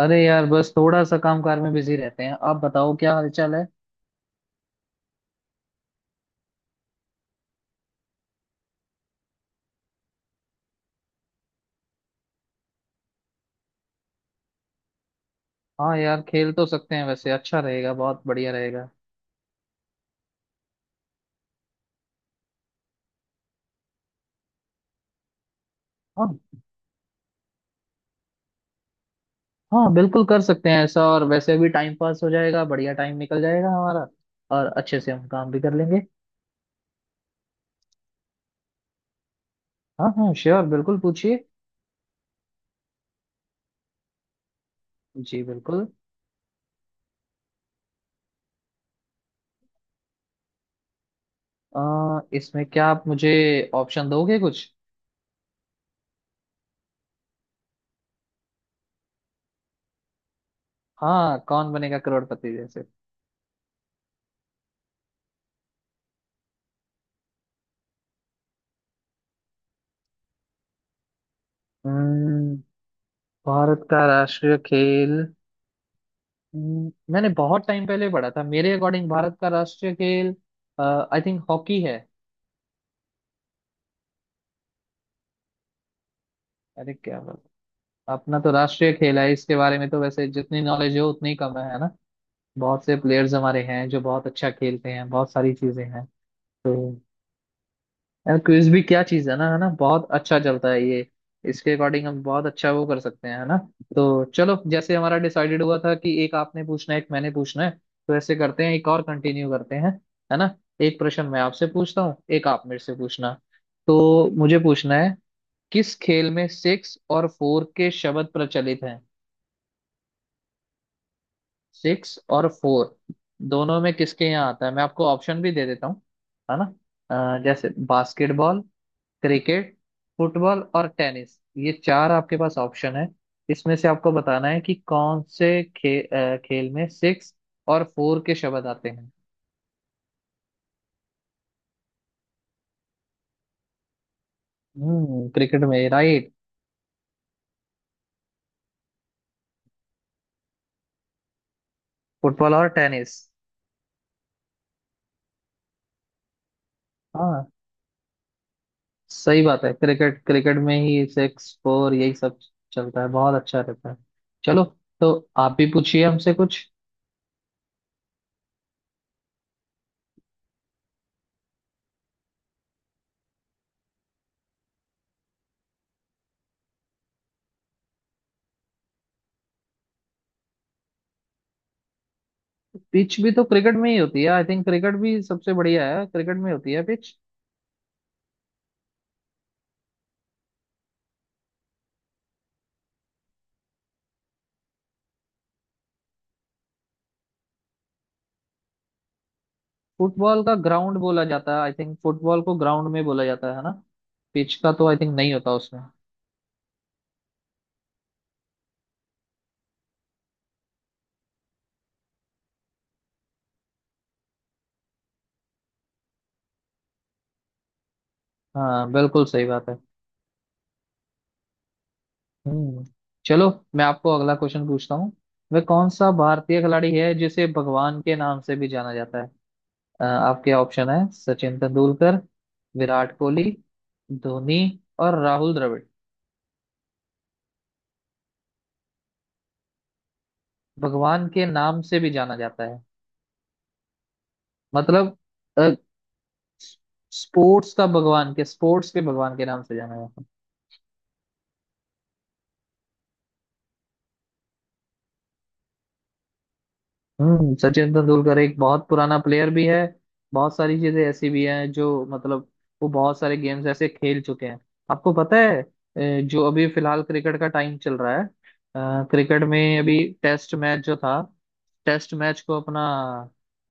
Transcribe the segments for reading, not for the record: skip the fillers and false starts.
अरे यार, बस थोड़ा सा कामकाज में बिजी रहते हैं। आप बताओ क्या हालचाल है। हाँ यार, खेल तो सकते हैं, वैसे अच्छा रहेगा, बहुत बढ़िया रहेगा। हाँ हाँ, बिल्कुल कर सकते हैं ऐसा, और वैसे भी टाइम पास हो जाएगा, बढ़िया टाइम निकल जाएगा हमारा, और अच्छे से हम काम भी कर लेंगे। हाँ हाँ श्योर, बिल्कुल पूछिए। जी बिल्कुल। इसमें क्या आप मुझे ऑप्शन दोगे कुछ? हाँ, कौन बनेगा करोड़पति जैसे। हम्म, भारत का राष्ट्रीय खेल। मैंने बहुत टाइम पहले पढ़ा था, मेरे अकॉर्डिंग भारत का राष्ट्रीय खेल आई थिंक हॉकी है। अरे क्या बात! अपना तो राष्ट्रीय खेल है, इसके बारे में तो वैसे जितनी नॉलेज हो उतनी कम है ना। बहुत से प्लेयर्स हमारे हैं जो बहुत अच्छा खेलते हैं, बहुत सारी चीजें हैं। तो यार, क्विज भी क्या चीज है ना, है ना, बहुत अच्छा चलता है ये। इसके अकॉर्डिंग हम बहुत अच्छा वो कर सकते हैं, है ना। तो चलो, जैसे हमारा डिसाइडेड हुआ था कि एक आपने पूछना है एक मैंने पूछना है, तो ऐसे करते हैं, एक और कंटिन्यू करते हैं, है ना। एक प्रश्न मैं आपसे पूछता हूँ, एक आप मेरे से पूछना। तो मुझे पूछना है, किस खेल में सिक्स और फोर के शब्द प्रचलित हैं? सिक्स और फोर दोनों में किसके यहाँ आता है? मैं आपको ऑप्शन भी दे देता हूँ, है ना। जैसे बास्केटबॉल, क्रिकेट, फुटबॉल और टेनिस, ये चार आपके पास ऑप्शन है। इसमें से आपको बताना है कि कौन से खे, अ, खेल में सिक्स और फोर के शब्द आते हैं। हम्म, क्रिकेट में, राइट। फुटबॉल और टेनिस। हाँ, सही बात है, क्रिकेट, में ही सिक्स फोर यही सब चलता है, बहुत अच्छा रहता है। चलो, तो आप भी पूछिए हमसे कुछ। पिच भी तो क्रिकेट में ही होती है, आई थिंक क्रिकेट भी सबसे बढ़िया है, क्रिकेट में होती है पिच। फुटबॉल का ग्राउंड बोला जाता है, आई थिंक फुटबॉल को ग्राउंड में बोला जाता है ना, पिच का तो आई थिंक नहीं होता उसमें। हाँ बिल्कुल सही बात है। हम्म, चलो, मैं आपको अगला क्वेश्चन पूछता हूँ। वह कौन सा भारतीय खिलाड़ी है जिसे भगवान के नाम से भी जाना जाता है? आपके ऑप्शन है सचिन तेंदुलकर, विराट कोहली, धोनी और राहुल द्रविड़। भगवान के नाम से भी जाना जाता है, मतलब स्पोर्ट्स का भगवान, के स्पोर्ट्स के भगवान के नाम से जाना जाता है। हम्म, सचिन तेंदुलकर एक बहुत पुराना प्लेयर भी है, बहुत सारी चीजें ऐसी भी हैं जो मतलब, वो बहुत सारे गेम्स ऐसे खेल चुके हैं। आपको पता है, जो अभी फिलहाल क्रिकेट का टाइम चल रहा है, क्रिकेट में अभी टेस्ट मैच जो था, टेस्ट मैच को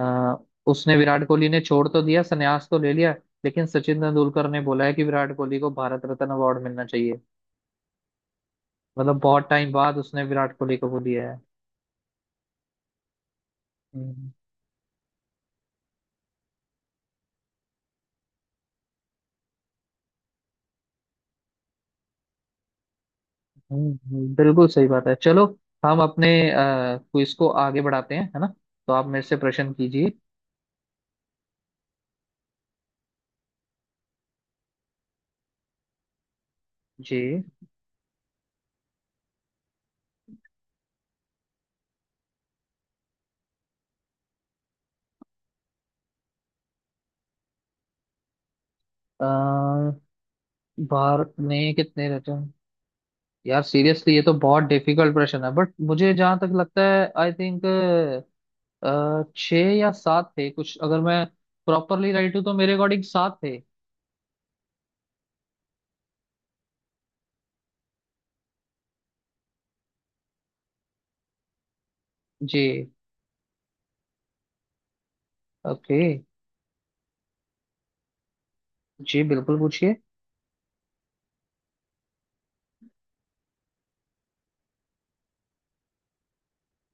अ, उसने, विराट कोहली ने, छोड़ तो दिया, संन्यास तो ले लिया। लेकिन सचिन तेंदुलकर ने बोला है कि विराट कोहली को भारत रत्न अवार्ड मिलना चाहिए, मतलब बहुत टाइम बाद उसने विराट कोहली को वो दिया है। बिल्कुल सही बात है। चलो, हम अपने क्विज को आगे बढ़ाते हैं, है ना। तो आप मेरे से प्रश्न कीजिए। जी। अ, भारत में कितने रहते हैं? यार सीरियसली, ये तो बहुत डिफिकल्ट प्रश्न है, बट मुझे जहां तक लगता है, आई थिंक छः या सात थे कुछ, अगर मैं प्रॉपरली राइट हूँ तो मेरे अकॉर्डिंग सात थे। जी। ओके। जी बिल्कुल, पूछिए।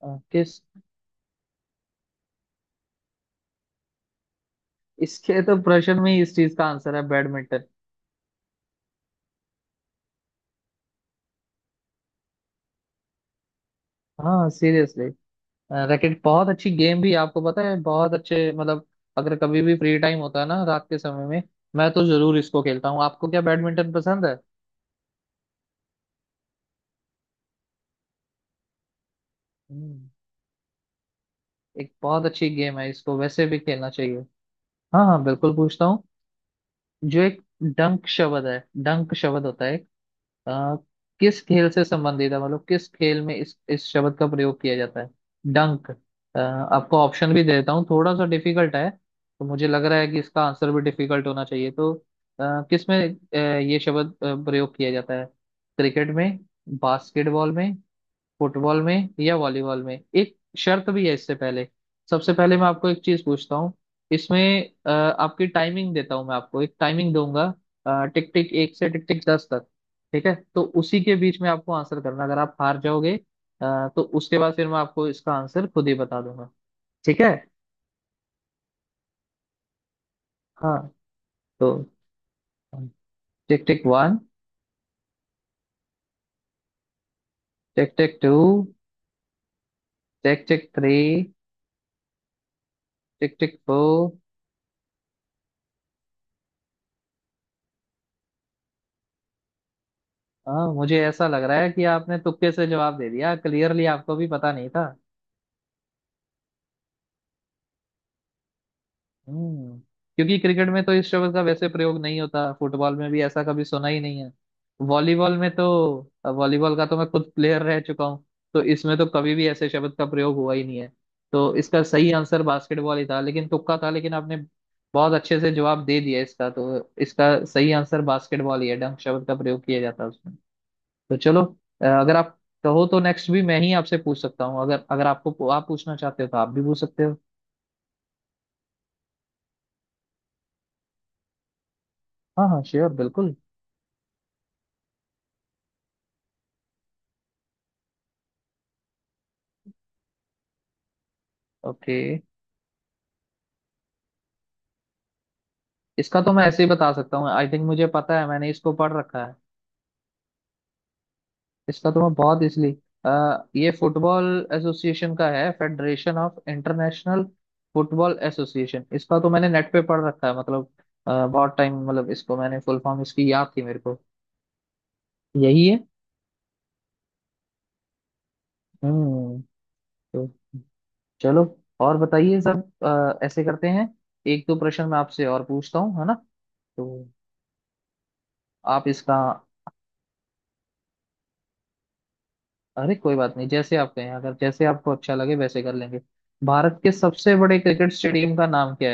अ, किस इसके तो प्रश्न में ही इस चीज का आंसर है, बैडमिंटन। हाँ सीरियसली, रैकेट बहुत अच्छी गेम भी है, आपको पता है, बहुत अच्छे मतलब, अगर कभी भी फ्री टाइम होता है ना रात के समय में, मैं तो जरूर इसको खेलता हूँ। आपको क्या बैडमिंटन पसंद है? हम्म, एक बहुत अच्छी गेम है, इसको वैसे भी खेलना चाहिए। हाँ हाँ, बिल्कुल पूछता हूँ। जो एक डंक शब्द है, डंक शब्द होता है आ, किस खेल से संबंधित है, मतलब किस खेल में इस शब्द का प्रयोग किया जाता है, डंक? आपको ऑप्शन भी देता हूँ, थोड़ा सा डिफिकल्ट है, तो मुझे लग रहा है कि इसका आंसर भी डिफिकल्ट होना चाहिए। तो आ, किस में आ, ये शब्द प्रयोग किया जाता है क्रिकेट में, बास्केटबॉल में, फुटबॉल में या वॉलीबॉल में? एक शर्त भी है इससे पहले। सबसे पहले मैं आपको एक चीज पूछता हूँ इसमें, आपकी टाइमिंग देता हूँ, मैं आपको एक टाइमिंग दूंगा, टिक टिक एक से टिक टिक दस तक, ठीक है? तो उसी के बीच में आपको आंसर करना। अगर आप हार जाओगे, तो उसके बाद फिर मैं आपको इसका आंसर खुद ही बता दूंगा, ठीक है? हाँ, तो tick tick one. Tick tick two. Tick tick three. Tick tick four. हाँ, मुझे ऐसा लग रहा है कि आपने तुक्के से जवाब दे दिया, क्लियरली आपको भी पता नहीं था। हम्म, क्योंकि क्रिकेट में तो इस शब्द का वैसे प्रयोग नहीं होता, फुटबॉल में भी ऐसा कभी सुना ही नहीं है, वॉलीबॉल में तो, वॉलीबॉल का तो मैं खुद प्लेयर रह चुका हूँ, तो इसमें तो कभी भी ऐसे शब्द का प्रयोग हुआ ही नहीं है। तो इसका सही आंसर बास्केटबॉल ही था, लेकिन तुक्का था, लेकिन आपने बहुत अच्छे से जवाब दे दिया, इसका तो, इसका सही आंसर बास्केटबॉल ही है, डंक शब्द का प्रयोग किया जाता है उसमें। तो चलो, अगर आप कहो तो नेक्स्ट भी मैं ही आपसे पूछ सकता हूँ, अगर अगर आपको, आप पूछना चाहते हो तो आप भी पूछ सकते हो। हाँ हाँ श्योर, बिल्कुल। ओके, इसका तो मैं ऐसे ही बता सकता हूँ, आई थिंक मुझे पता है, मैंने इसको पढ़ रखा है। इसका तो मैं बहुत इसलिए, ये फुटबॉल एसोसिएशन का है, federation of international football association. इसका तो मैंने नेट पे पढ़ रखा है, मतलब बहुत टाइम, मतलब इसको, मैंने फुल फॉर्म इसकी याद थी मेरे को, यही है। हम्म, तो चलो, और बताइए सब। ऐसे करते हैं, एक दो प्रश्न मैं आपसे और पूछता हूँ, है ना। तो आप इसका, अरे कोई बात नहीं, जैसे आप कहें, अगर जैसे आपको अच्छा लगे वैसे कर लेंगे। भारत के सबसे बड़े क्रिकेट स्टेडियम का नाम क्या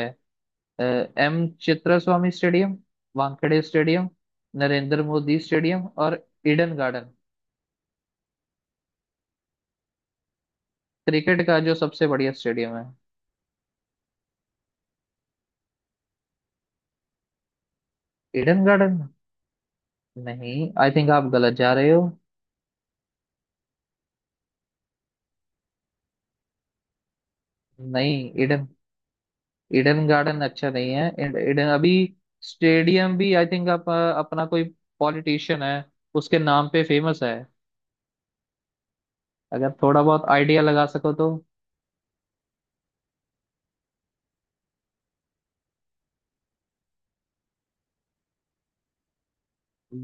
है? M Chinnaswamy stadium, Wankhede stadium, Narendra Modi stadium और ईडन गार्डन। क्रिकेट का जो सबसे बढ़िया स्टेडियम है, ईडन गार्डन नहीं, आई थिंक आप गलत जा रहे हो। नहीं, ईडन, ईडन गार्डन अच्छा नहीं है। ईडन, अभी स्टेडियम भी, आई थिंक आप, अपना कोई पॉलिटिशियन है उसके नाम पे फेमस है। अगर थोड़ा बहुत आइडिया लगा सको तो।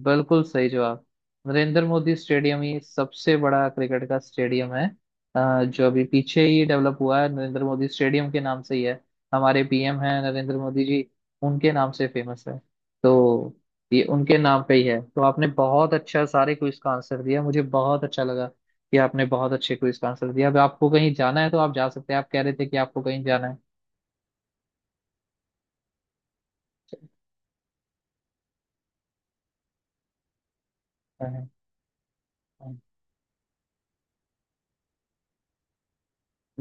बिल्कुल सही जवाब। नरेंद्र मोदी स्टेडियम ही सबसे बड़ा क्रिकेट का स्टेडियम है, जो अभी पीछे ही डेवलप हुआ है, नरेंद्र मोदी स्टेडियम के नाम से ही है। हमारे पीएम हैं नरेंद्र मोदी जी, उनके नाम से फेमस है। तो ये उनके नाम पे ही है। तो आपने बहुत अच्छा सारे क्विज का आंसर दिया, मुझे बहुत अच्छा लगा कि आपने बहुत अच्छे क्विज का आंसर दिया। अब आपको कहीं जाना है तो आप जा सकते हैं, आप कह रहे थे कि आपको कहीं जाना है।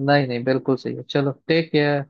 नहीं नहीं, बिल्कुल सही है। चलो, टेक केयर।